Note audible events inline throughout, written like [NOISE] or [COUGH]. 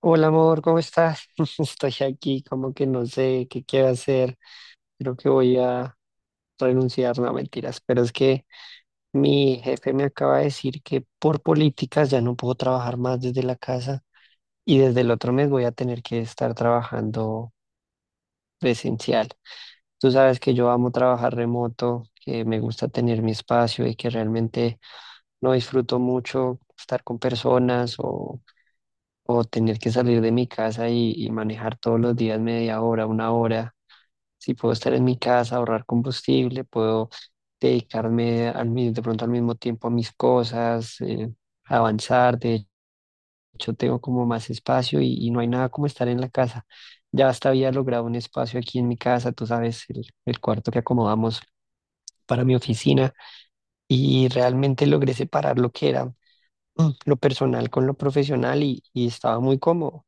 Hola amor, ¿cómo estás? [LAUGHS] Estoy aquí como que no sé qué quiero hacer. Creo que voy a renunciar, no mentiras, pero es que mi jefe me acaba de decir que por políticas ya no puedo trabajar más desde la casa y desde el otro mes voy a tener que estar trabajando presencial. Tú sabes que yo amo trabajar remoto, que me gusta tener mi espacio y que realmente no disfruto mucho estar con personas o tener que salir de mi casa y manejar todos los días media hora, una hora. Si puedo estar en mi casa, ahorrar combustible, puedo dedicarme de pronto al mismo tiempo a mis cosas, avanzar. De hecho, tengo como más espacio y no hay nada como estar en la casa. Ya hasta había logrado un espacio aquí en mi casa, tú sabes, el cuarto que acomodamos para mi oficina y realmente logré separar lo que era lo personal con lo profesional y estaba muy cómodo.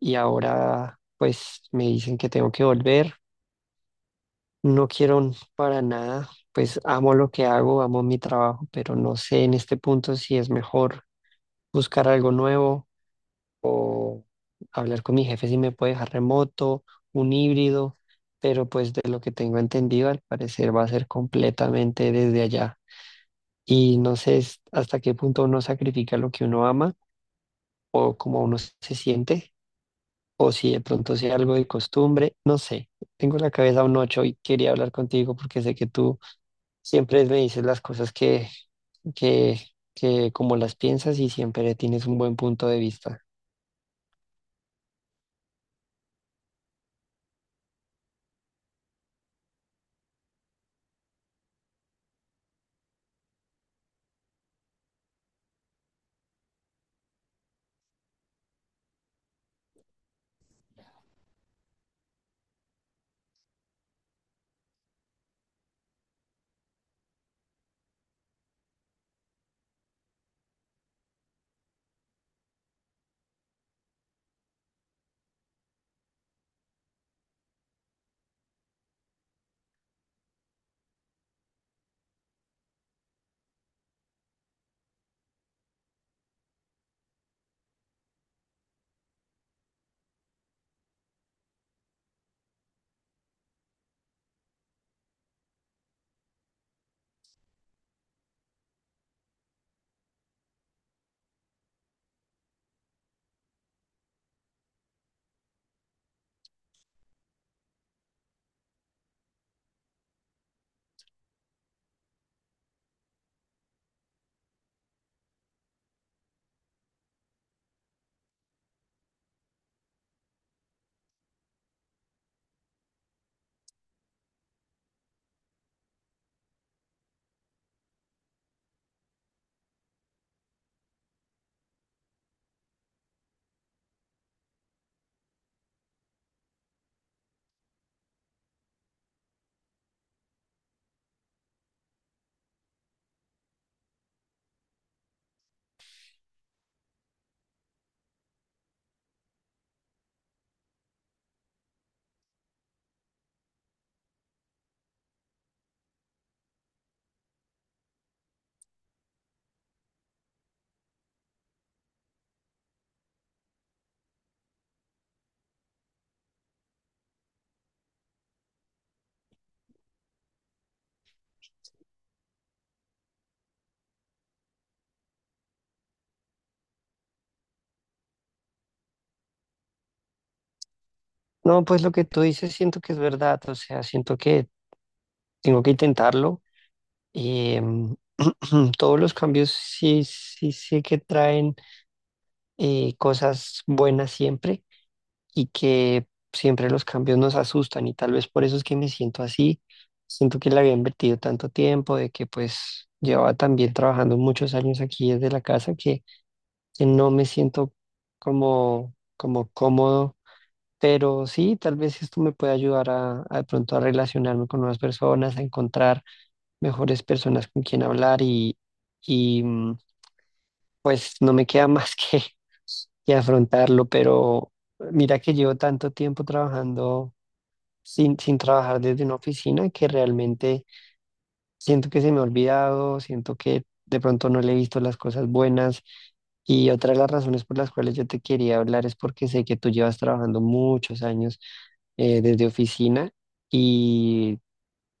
Y ahora pues me dicen que tengo que volver. No quiero para nada, pues amo lo que hago, amo mi trabajo, pero no sé en este punto si es mejor buscar algo nuevo o hablar con mi jefe si me puede dejar remoto, un híbrido, pero pues de lo que tengo entendido al parecer va a ser completamente desde allá. Y no sé hasta qué punto uno sacrifica lo que uno ama o cómo uno se siente o si de pronto sea algo de costumbre, no sé. Tengo en la cabeza un ocho y quería hablar contigo porque sé que tú siempre me dices las cosas que, que como las piensas y siempre tienes un buen punto de vista. No, pues lo que tú dices siento que es verdad, o sea, siento que tengo que intentarlo. Eh, [CLEARS THROAT] todos los cambios sí que traen cosas buenas siempre. Y que siempre los cambios nos asustan y tal vez por eso es que me siento así. Siento que le había invertido tanto tiempo, de que pues llevaba también trabajando muchos años aquí desde la casa, que no me siento como cómodo. Pero sí, tal vez esto me puede ayudar a de pronto a relacionarme con nuevas personas, a encontrar mejores personas con quien hablar y pues no me queda más [LAUGHS] que afrontarlo. Pero mira que llevo tanto tiempo trabajando sin trabajar desde una oficina que realmente siento que se me ha olvidado, siento que de pronto no le he visto las cosas buenas. Y otra de las razones por las cuales yo te quería hablar es porque sé que tú llevas trabajando muchos años desde oficina y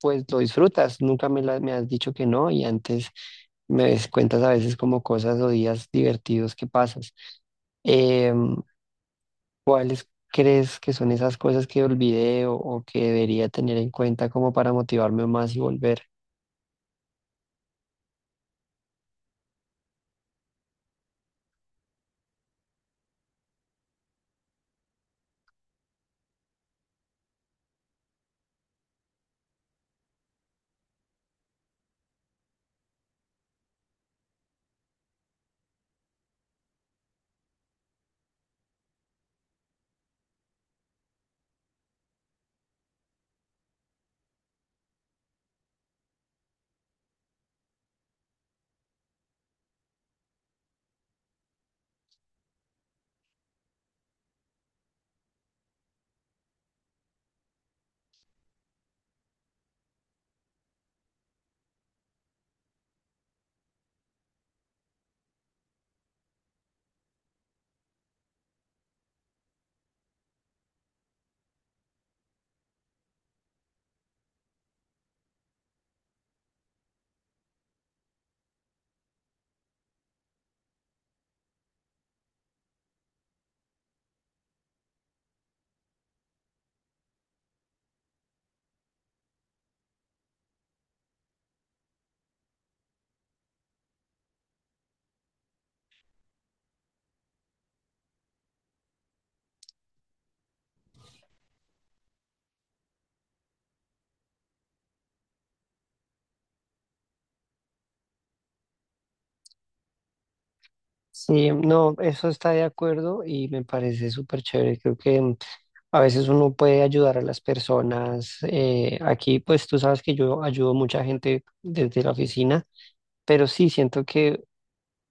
pues lo disfrutas, nunca me has dicho que no y antes cuentas a veces como cosas o días divertidos que pasas. Em, ¿Cuáles crees que son esas cosas que olvidé o que debería tener en cuenta como para motivarme más y volver? Sí, no, eso está de acuerdo y me parece súper chévere. Creo que a veces uno puede ayudar a las personas. Aquí, pues tú sabes que yo ayudo mucha gente desde la oficina, pero sí siento que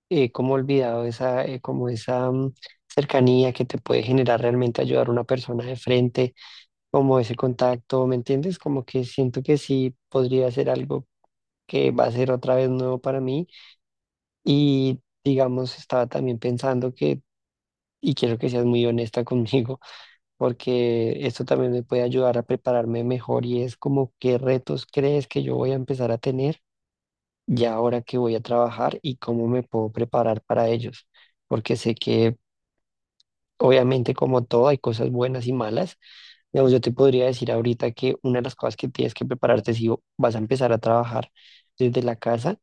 como he olvidado esa, como esa cercanía que te puede generar realmente ayudar a una persona de frente como ese contacto, ¿me entiendes? Como que siento que sí podría ser algo que va a ser otra vez nuevo para mí y digamos, estaba también pensando y quiero que seas muy honesta [LAUGHS] conmigo, porque esto también me puede ayudar a prepararme mejor y es como qué retos crees que yo voy a empezar a tener ya ahora que voy a trabajar y cómo me puedo preparar para ellos, porque sé que obviamente como todo hay cosas buenas y malas. Digamos, yo te podría decir ahorita que una de las cosas que tienes que prepararte si vas a empezar a trabajar desde la casa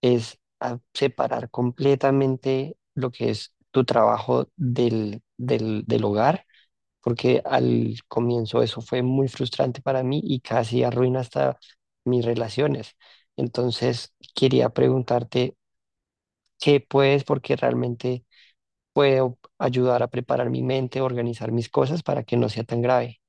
es a separar completamente lo que es tu trabajo del hogar, porque al comienzo eso fue muy frustrante para mí y casi arruina hasta mis relaciones. Entonces, quería preguntarte qué puedes, porque realmente puedo ayudar a preparar mi mente, organizar mis cosas para que no sea tan grave.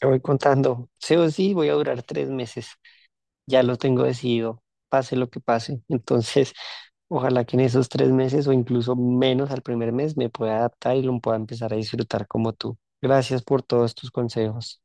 Te voy contando, sí o sí voy a durar 3 meses, ya lo tengo decidido, pase lo que pase. Entonces, ojalá que en esos 3 meses o incluso menos al primer mes me pueda adaptar y lo pueda empezar a disfrutar como tú. Gracias por todos tus consejos.